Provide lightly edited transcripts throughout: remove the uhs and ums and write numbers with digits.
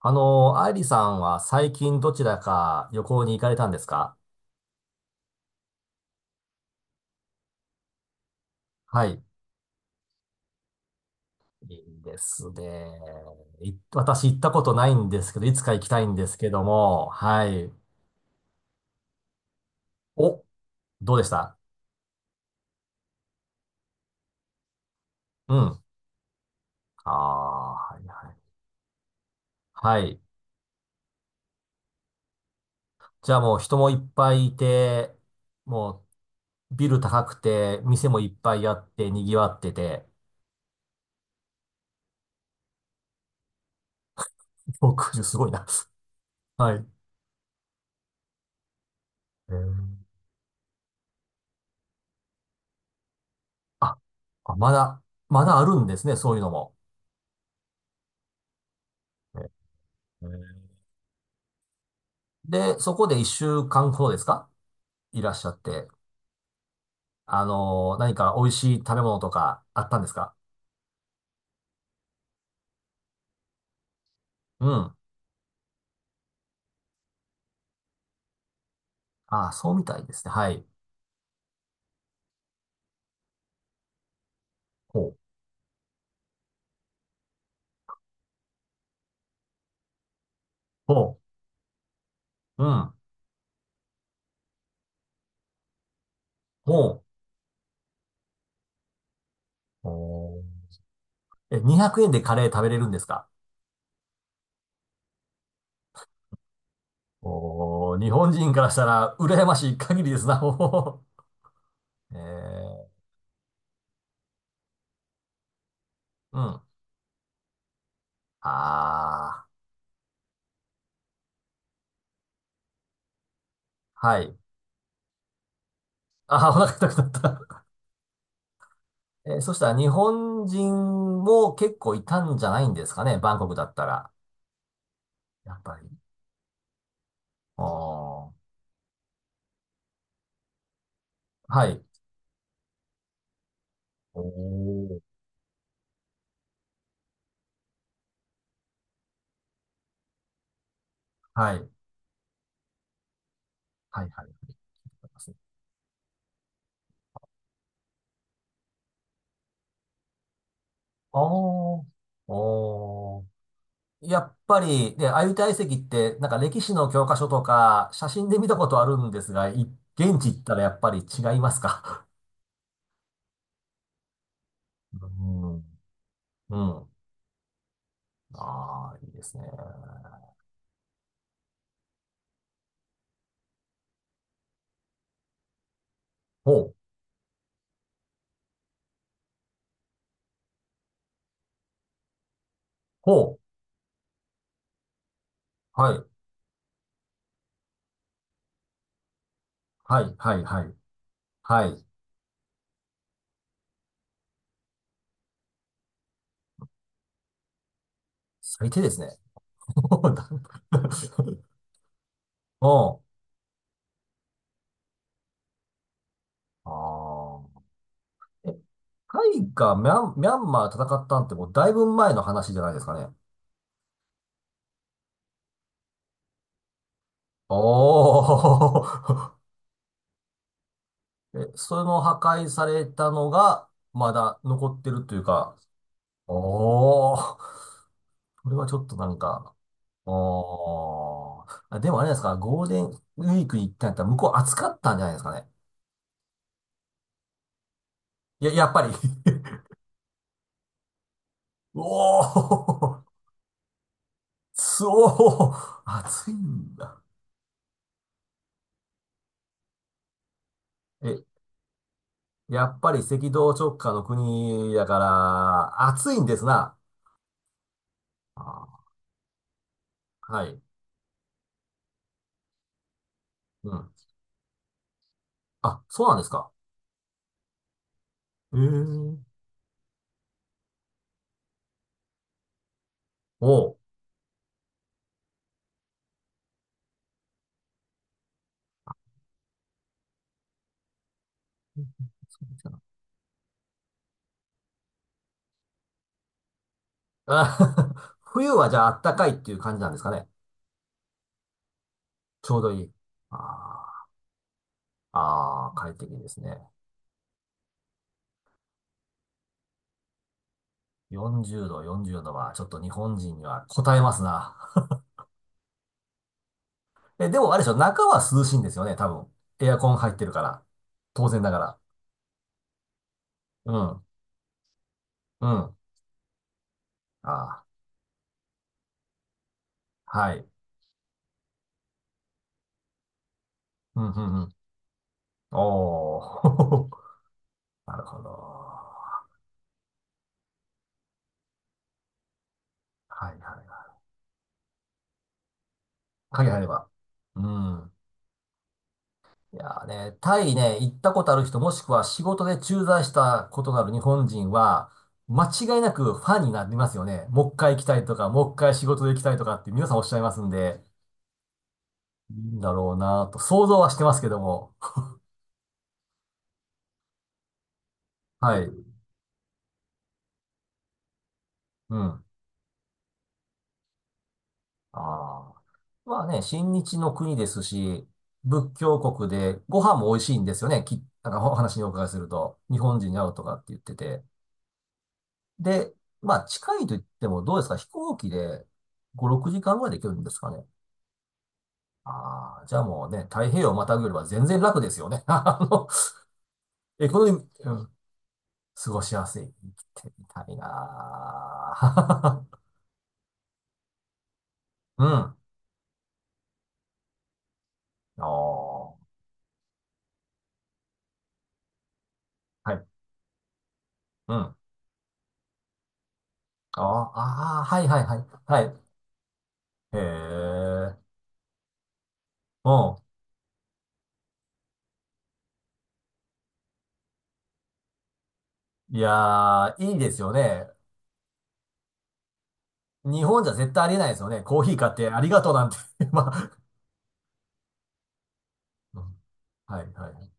アイリさんは最近どちらか旅行に行かれたんですか？はい。いいですね。私行ったことないんですけど、いつか行きたいんですけども、はい。お、どうでした？うん。ああ、はいはい。はい。じゃあもう人もいっぱいいて、もうビル高くて、店もいっぱいあって、賑わってて、60すごいな。はい。えーあ、あまだ、まだあるんですね、そういうのも。えーで、そこで一週間ほどですか？いらっしゃって。何か美味しい食べ物とかあったんですか？うん。ああ、そうみたいですね。はい。ほう。ほう。うん。ほう。おー。え、200円でカレー食べれるんですか？おー、日本人からしたら羨ましい限りですな。おーえー、うん。ああ、はい。ああ、お腹痛くなった。そしたら日本人も結構いたんじゃないんですかね、バンコクだったら。やっぱり。おーはい。おー。はい。はい、はい、はい。ああ、おー。おーやっぱり、で、鮎遺跡って、なんか歴史の教科書とか、写真で見たことあるんですが、現地行ったらやっぱり違いますか？ うん。うん。ああ、いいですね。ほう、ほう。はい、はい、はい、はい。はい。最低ですね。もう、ああ、えタイがミャンマー戦ったんってもうだいぶ前の話じゃないですかね。おー。え、その破壊されたのが、まだ残ってるというか、おー。これはちょっとなんか、おー。あ、でもあれですか、ゴールデンウィークに行ったんやったら向こう暑かったんじゃないですかね。いや、やっぱり。 おー。そう。暑いんだ。え、やっぱり赤道直下の国やから、暑いんですな。あーはい。うん。あ、そうなんですか。ええ。おう。そうですか？あ。 冬はじゃあ暖かいっていう感じなんですかね。ちょうどいい。あーあー、快適ですね。40度、40度はちょっと日本人には応えますな。え、でもあれでしょ、中は涼しいんですよね、多分。エアコン入ってるから。当然ながら。うん、うん。あーはい。うん、うん、うん。おー。なるほど。はいはいはい。鍵入れば。うん。いやーね、タイね、行ったことある人、もしくは仕事で駐在したことがある日本人は、間違いなくファンになりますよね。もう一回行きたいとか、もう一回仕事で行きたいとかって皆さんおっしゃいますんで、いいんだろうなと、想像はしてますけども。はい。うん。ああ。まあね、親日の国ですし、仏教国でご飯も美味しいんですよね。なんかお話にお伺いすると、日本人に合うとかって言ってて。で、まあ、近いと言ってもどうですか？飛行機で5、6時間ぐらいで行けるんですかね。ああ、じゃあもうね、太平洋をまたぐよりは全然楽ですよね。エコノミー、うん、過ごしやすい。生きてみたいなー。うん。おー、はい。うん。あーあー、はいはいはい。はい。へえ。うん。いやー、いいですよね。日本じゃ絶対ありえないですよね。コーヒー買ってありがとうなんて。まあ、うんはいはい。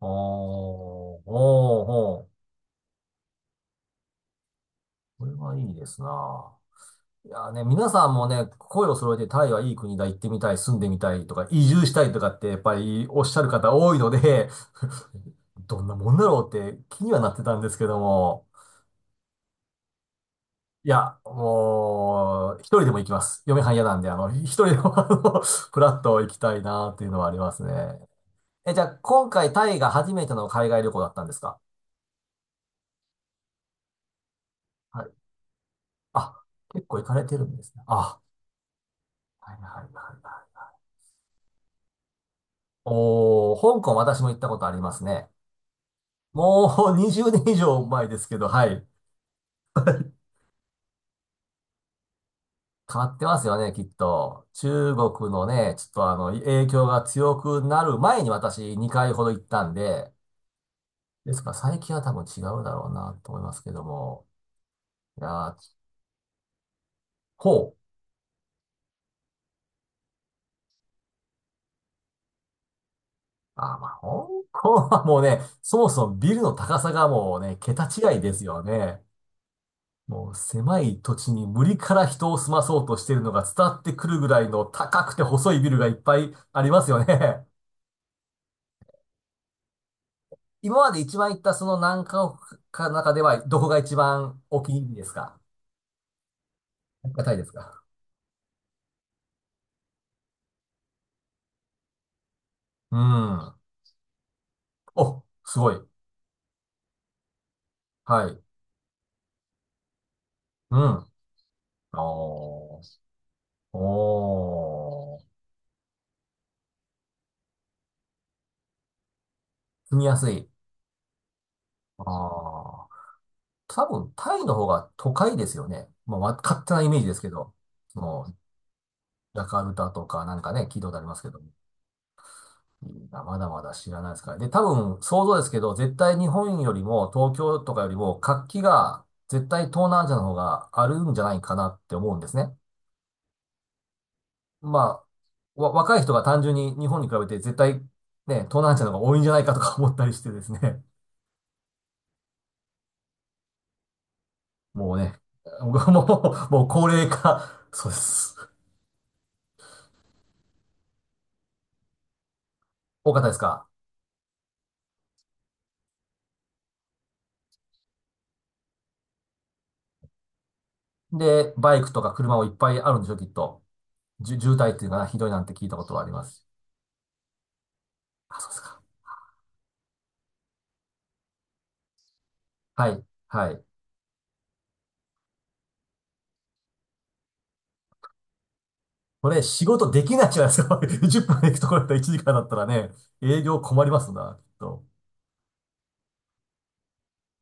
あー、おー、おー。これはいいですな。いやーね、皆さんもね、声を揃えてタイはいい国だ、行ってみたい、住んでみたいとか、移住したいとかってやっぱりおっしゃる方多いので、どんなもんだろうって気にはなってたんですけども、いや、もう、一人でも行きます。嫁はん嫌なんで、一人でも、フラッと行きたいなっていうのはありますね。え、じゃあ、今回タイが初めての海外旅行だったんですか？はい。あ、結構行かれてるんですね。あ、はいはいはいはい。おー、香港私も行ったことありますね。もう20年以上前ですけど、はい。変わってますよね、きっと。中国のね、ちょっと影響が強くなる前に私2回ほど行ったんで、ですから最近は多分違うだろうなと思いますけども。いやー、ほう。あー、まあ、香港はもうね、そもそもビルの高さがもうね、桁違いですよね。もう狭い土地に無理から人を住まそうとしているのが伝わってくるぐらいの高くて細いビルがいっぱいありますよね。今まで一番行ったその何カ国かの中ではどこが一番お気に入りですか？高いですか？うん。お、すごい。はい。うん。おー。おー。住みやすい。ああ。多分タイの方が都会ですよね。まあ、勝手なイメージですけど。その、ジャカルタとかなんかね、聞いたことありますけど。いいなまだまだ知らないですから。で、多分、想像ですけど、絶対日本よりも、東京とかよりも、活気が、絶対東南アジアの方があるんじゃないかなって思うんですね。まあ、若い人が単純に日本に比べて、絶対、ね、東南アジアの方が多いんじゃないかとか思ったりしてですね。もうね、僕もう高齢化、そうです。多かったですか？で、バイクとか車もいっぱいあるんでしょ、きっと。渋滞っていうのかな、ひどいなんて聞いたことはあります。あ、そうですか。はい、はい。これ仕事できないじゃないですか。10分で行くところだったら1時間だったらね、営業困りますな、きっと。